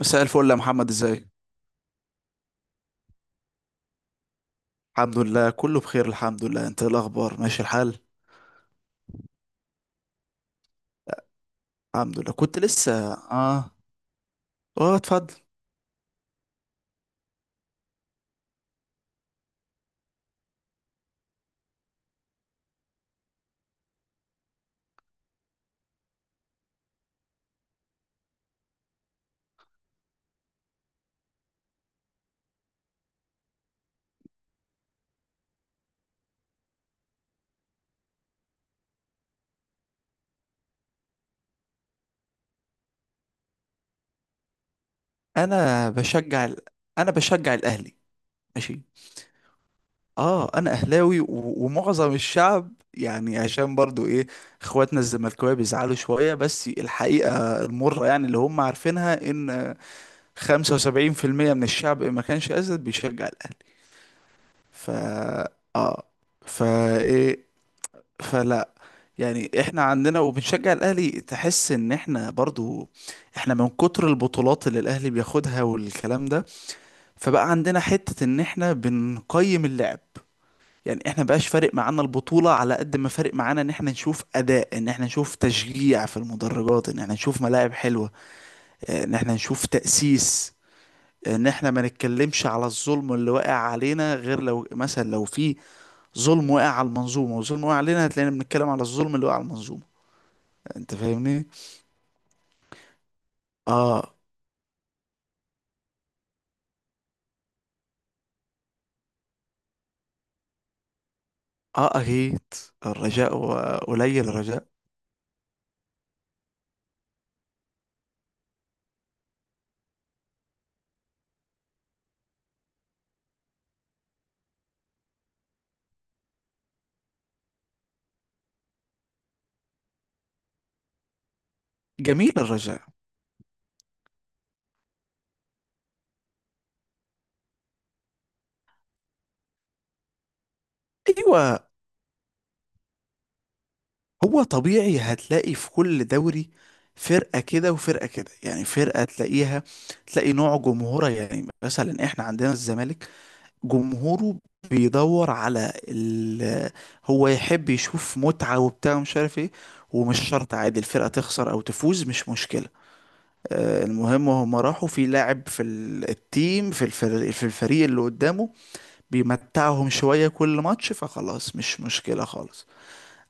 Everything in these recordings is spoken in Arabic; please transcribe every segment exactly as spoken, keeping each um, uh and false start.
مساء الفل يا محمد، ازاي؟ الحمد لله، كله بخير، الحمد لله. انت ايه الاخبار، ماشي الحال؟ الحمد لله، كنت لسه اه اه اتفضل. انا بشجع ال... انا بشجع الاهلي. ماشي. اه انا اهلاوي و... ومعظم الشعب، يعني عشان برضو ايه، اخواتنا الزملكاويه بيزعلوا شويه، بس الحقيقه المره يعني اللي هم عارفينها ان خمسة وسبعين في المية من الشعب، إن ما كانش اسد بيشجع الاهلي. ف اه فا فلا يعني احنا عندنا وبنشجع الاهلي، تحس ان احنا برضو، احنا من كتر البطولات اللي الاهلي بياخدها والكلام ده، فبقى عندنا حتة ان احنا بنقيم اللعب. يعني احنا بقاش فارق معانا البطولة على قد ما فارق معانا ان احنا نشوف اداء، ان احنا نشوف تشجيع في المدرجات، ان احنا نشوف ملاعب حلوة، ان احنا نشوف تأسيس، ان احنا ما نتكلمش على الظلم اللي واقع علينا غير لو مثلا لو في ظلم واقع على المنظومة وظلم واقع علينا، هتلاقينا بنتكلم على الظلم اللي واقع على المنظومة. انت فاهمني. اه اه اهيت. الرجاء، و- قليل الرجاء جميل. الرجاء، ايوه. هو طبيعي هتلاقي في كل دوري فرقة كده وفرقة كده. يعني فرقة تلاقيها، تلاقي نوع جمهورها، يعني مثلا احنا عندنا الزمالك، جمهوره بيدور على ال... هو يحب يشوف متعة وبتاع ومش عارف ايه، ومش شرط عادي الفرقة تخسر او تفوز، مش مشكلة. آه، المهم وهم راحوا في لاعب في ال- التيم، في الفريق، في الفريق اللي قدامه بيمتعهم شوية كل ماتش، فخلاص مش مشكلة خالص.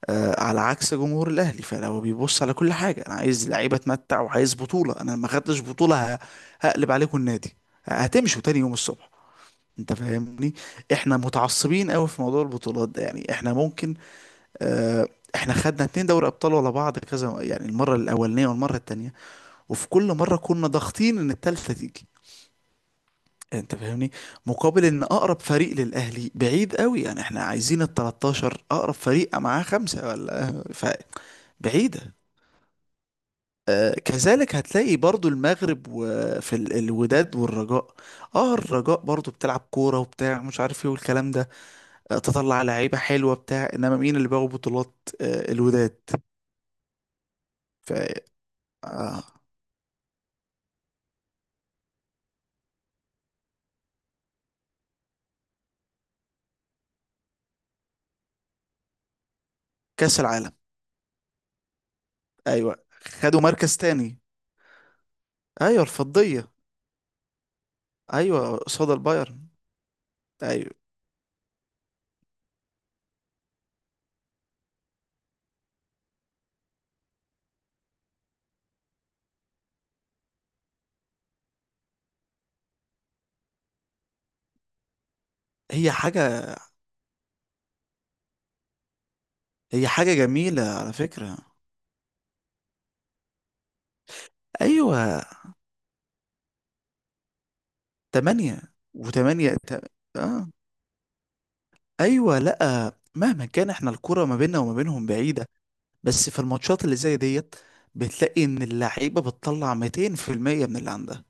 آه، على عكس جمهور الأهلي، فلو بيبص على كل حاجة: أنا عايز لعيبة أتمتع، وعايز بطولة، أنا ما خدتش بطولة، ه- هقلب عليكم النادي، هتمشوا تاني يوم الصبح. انت فاهمني. احنا متعصبين قوي في موضوع البطولات ده، يعني احنا ممكن اه احنا خدنا اتنين دوري ابطال ورا بعض كذا، يعني المره الاولانيه والمره التانيه، وفي كل مرة كنا ضاغطين ان التالتة تيجي. انت فاهمني. مقابل ان اقرب فريق للاهلي بعيد قوي، يعني احنا عايزين ال تلتاشر، اقرب فريق معاه خمسة ولا، فبعيدة. كذلك هتلاقي برضو المغرب وفي ال- الوداد والرجاء. اه الرجاء برضو بتلعب كورة وبتاع مش عارف ايه والكلام ده. آه، تطلع لعيبة حلوة بتاع، انما مين اللي بياخد بطولات؟ آه، الوداد. ف آه، كأس العالم. ايوه، خدوا مركز تاني. ايوه، الفضية. ايوه، قصاد البايرن. ايوه. هي حاجة، هي حاجة جميلة على فكرة. ايوه، تمانية. وتمانية ت... اه ايوه، لا مهما كان احنا الكرة ما بيننا وما بينهم بعيدة. بس في الماتشات اللي زي ديت، بتلاقي ان اللعيبة بتطلع ميتين في المية من اللي عندها.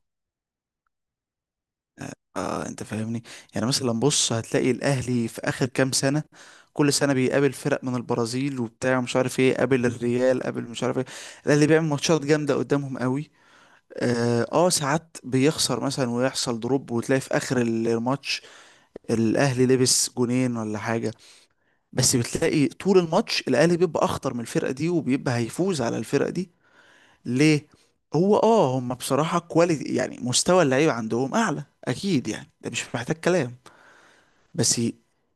اه انت فاهمني. يعني مثلا بص، هتلاقي الاهلي في اخر كام سنة كل سنة بيقابل فرق من البرازيل وبتاع مش عارف ايه، قابل الريال، قابل مش عارف ايه، الاهلي بيعمل ماتشات جامدة قدامهم قوي. اه آه، ساعات بيخسر مثلا ويحصل دروب، وتلاقي في اخر ال- الماتش الاهلي لبس جونين ولا حاجه. بس بتلاقي طول الماتش الاهلي بيبقى اخطر من الفرقه دي، وبيبقى هيفوز على الفرقه دي. ليه؟ هو اه هم بصراحه كواليتي، يعني مستوى اللعيبه عندهم اعلى اكيد، يعني ده مش محتاج كلام. بس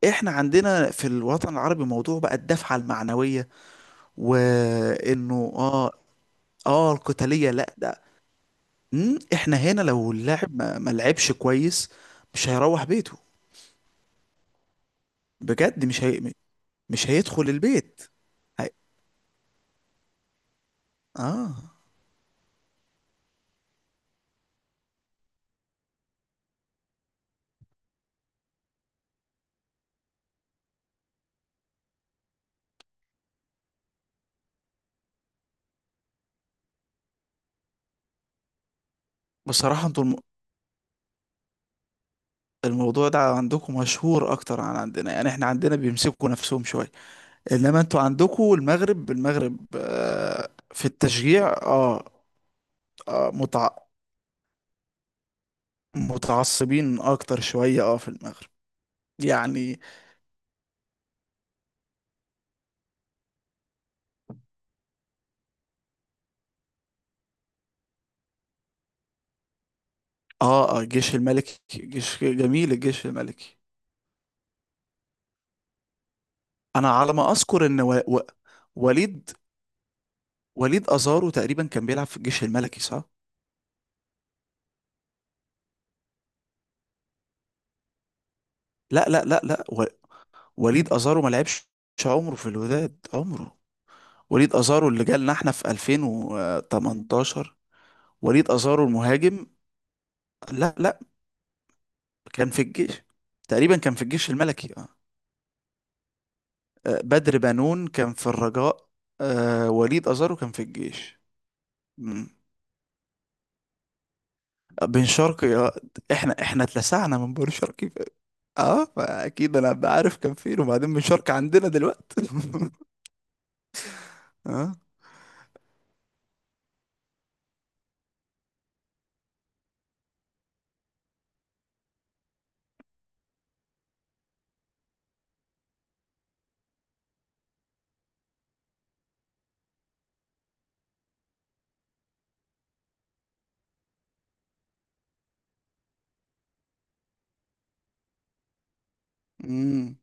احنا عندنا في الوطن العربي موضوع بقى الدفعه المعنويه، وانه اه اه القتاليه، لا ده. مم، احنا هنا لو اللاعب ما ما لعبش كويس، مش هيروح بيته. بجد مش هي... مش هيدخل البيت. هي... اه بصراحة انتوا الم... الموضوع ده عندكم مشهور اكتر عن عندنا. يعني احنا عندنا بيمسكوا نفسهم شوية، انما انتوا عندكم المغرب، المغرب آه في التشجيع. اه, آه متع... متعصبين اكتر شوية اه في المغرب. يعني اه, آه جيش الملكي، جيش جميل الجيش الملكي. انا على ما اذكر ان و... و... وليد وليد ازارو تقريبا كان بيلعب في الجيش الملكي، صح؟ لا لا لا لا و... وليد ازارو ما لعبش عمره في الوداد، عمره. وليد ازارو اللي جالنا احنا في ألفين وتمنتاشر. وليد ازارو المهاجم. لا لا، كان في الجيش، تقريبا كان في الجيش الملكي. اه آه، بدر بنون كان في الرجاء. آه، وليد ازارو كان في الجيش. مم. بن شرقي، آه، احنا احنا اتلسعنا من بن شرقي. ف- اه فاكيد انا بعرف كان فين، وبعدين بن شرقي عندنا دلوقتي. اه. مم.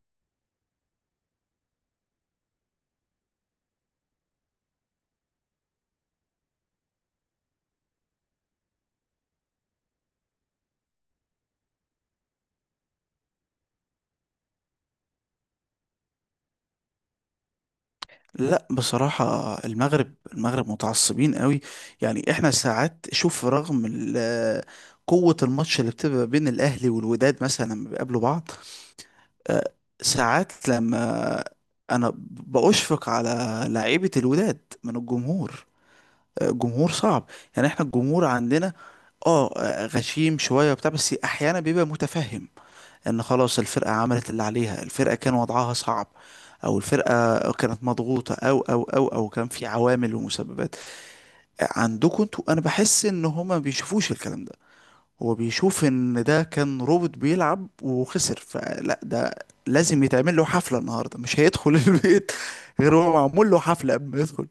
لا بصراحة، المغرب، المغرب متعصبين قوي. يعني احنا ساعات شوف رغم ال- قوة الماتش اللي بتبقى بين الأهلي والوداد مثلا لما بيقابلوا بعض، آه، ساعات لما أنا بأشفق على لعيبة الوداد من الجمهور. آه، جمهور صعب. يعني احنا الجمهور عندنا اه آه، غشيم شوية وبتاع، بس أحيانا بيبقى متفهم ان خلاص الفرقة عملت اللي عليها، الفرقة كان وضعها صعب، او الفرقة كانت مضغوطة، او او او او كان في عوامل ومسببات. عندكم انتوا انا بحس ان هما ما بيشوفوش الكلام ده، هو بيشوف ان ده كان روبوت بيلعب وخسر، فلا ده لازم يتعمل له حفلة النهاردة، مش هيدخل البيت، غير هو معمول له حفلة قبل ما يدخل.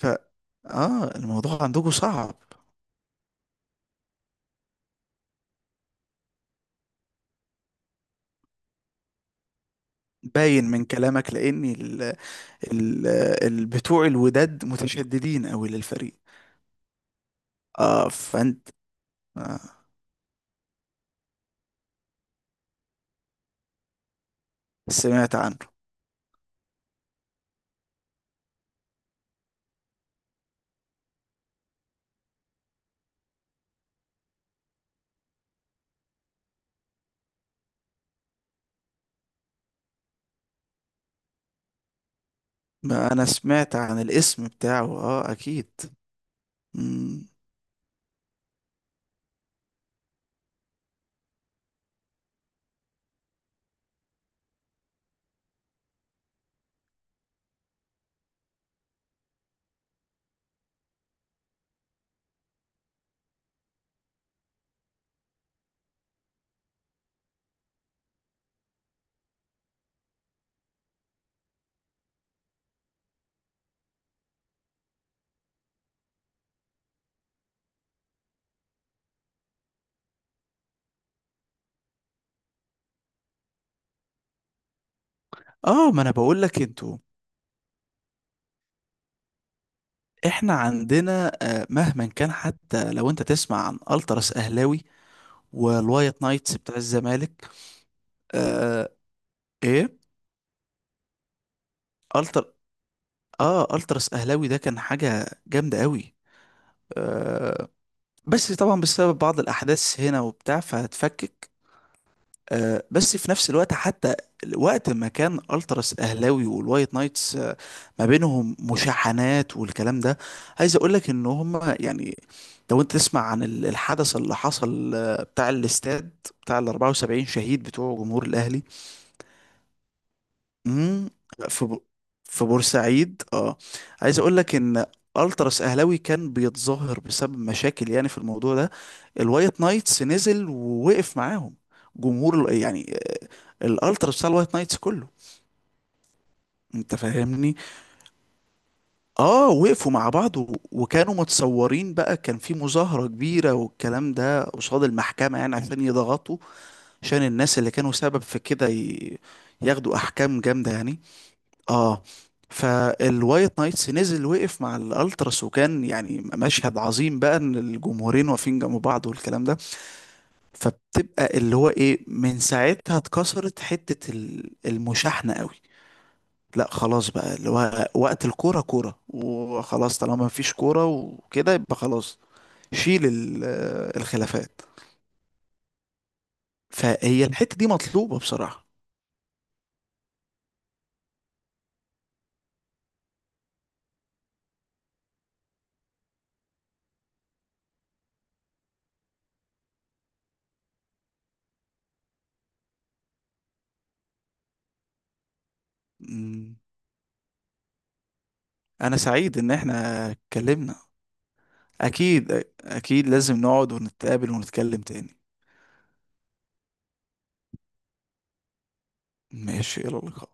ف اه الموضوع عندكم صعب. باين من كلامك، لاني ال ال ال- بتوع الوداد متشددين قوي للفريق. اه فانت آه سمعت عنه. ما انا سمعت عن الاسم بتاعه، اه اكيد. مم. اه ما انا بقول لك انتوا، احنا عندنا آه مهما كان حتى لو انت تسمع عن التراس اهلاوي والوايت نايتس بتاع الزمالك. آه ايه التر اه التراس اهلاوي ده كان حاجة جامدة قوي. آه بس طبعا بسبب بعض الاحداث هنا وبتاع فهتفكك. آه، بس في نفس الوقت حتى وقت ما كان التراس اهلاوي والوايت نايتس، آه، ما بينهم مشاحنات والكلام ده، عايز اقول لك ان هم يعني لو انت تسمع عن ال- الحدث اللي حصل آه، بتاع الاستاد بتاع ال اربعة وسبعين شهيد بتوع جمهور الاهلي. امم في ب... في بورسعيد اه. عايز اقول لك ان التراس اهلاوي كان بيتظاهر بسبب مشاكل يعني في الموضوع ده، الوايت نايتس نزل ووقف معاهم. جمهور ال- يعني آه، الالتراس بتاع الوايت نايتس كله. انت فاهمني. اه وقفوا مع بعض و... وكانوا متصورين بقى، كان في مظاهرة كبيرة والكلام ده قصاد المحكمة، يعني عشان يضغطوا عشان الناس اللي كانوا سبب في كده ي... ياخدوا احكام جامدة يعني. اه فالوايت نايتس نزل وقف مع الالتراس، وكان يعني مشهد عظيم بقى ان الجمهورين واقفين جنب بعض والكلام ده. فبتبقى اللي هو ايه، من ساعتها اتكسرت حتة ال- المشاحنة قوي. لا خلاص بقى اللي هو وقت الكورة كورة وخلاص، طالما مفيش كورة وكده يبقى خلاص، شيل ال- آه، الخلافات. فهي الحتة دي مطلوبة بصراحة. مم. انا سعيد ان احنا اتكلمنا. أكيد، أكيد لازم نقعد ونتقابل ونتكلم تاني. ماشي، يلا لقاء.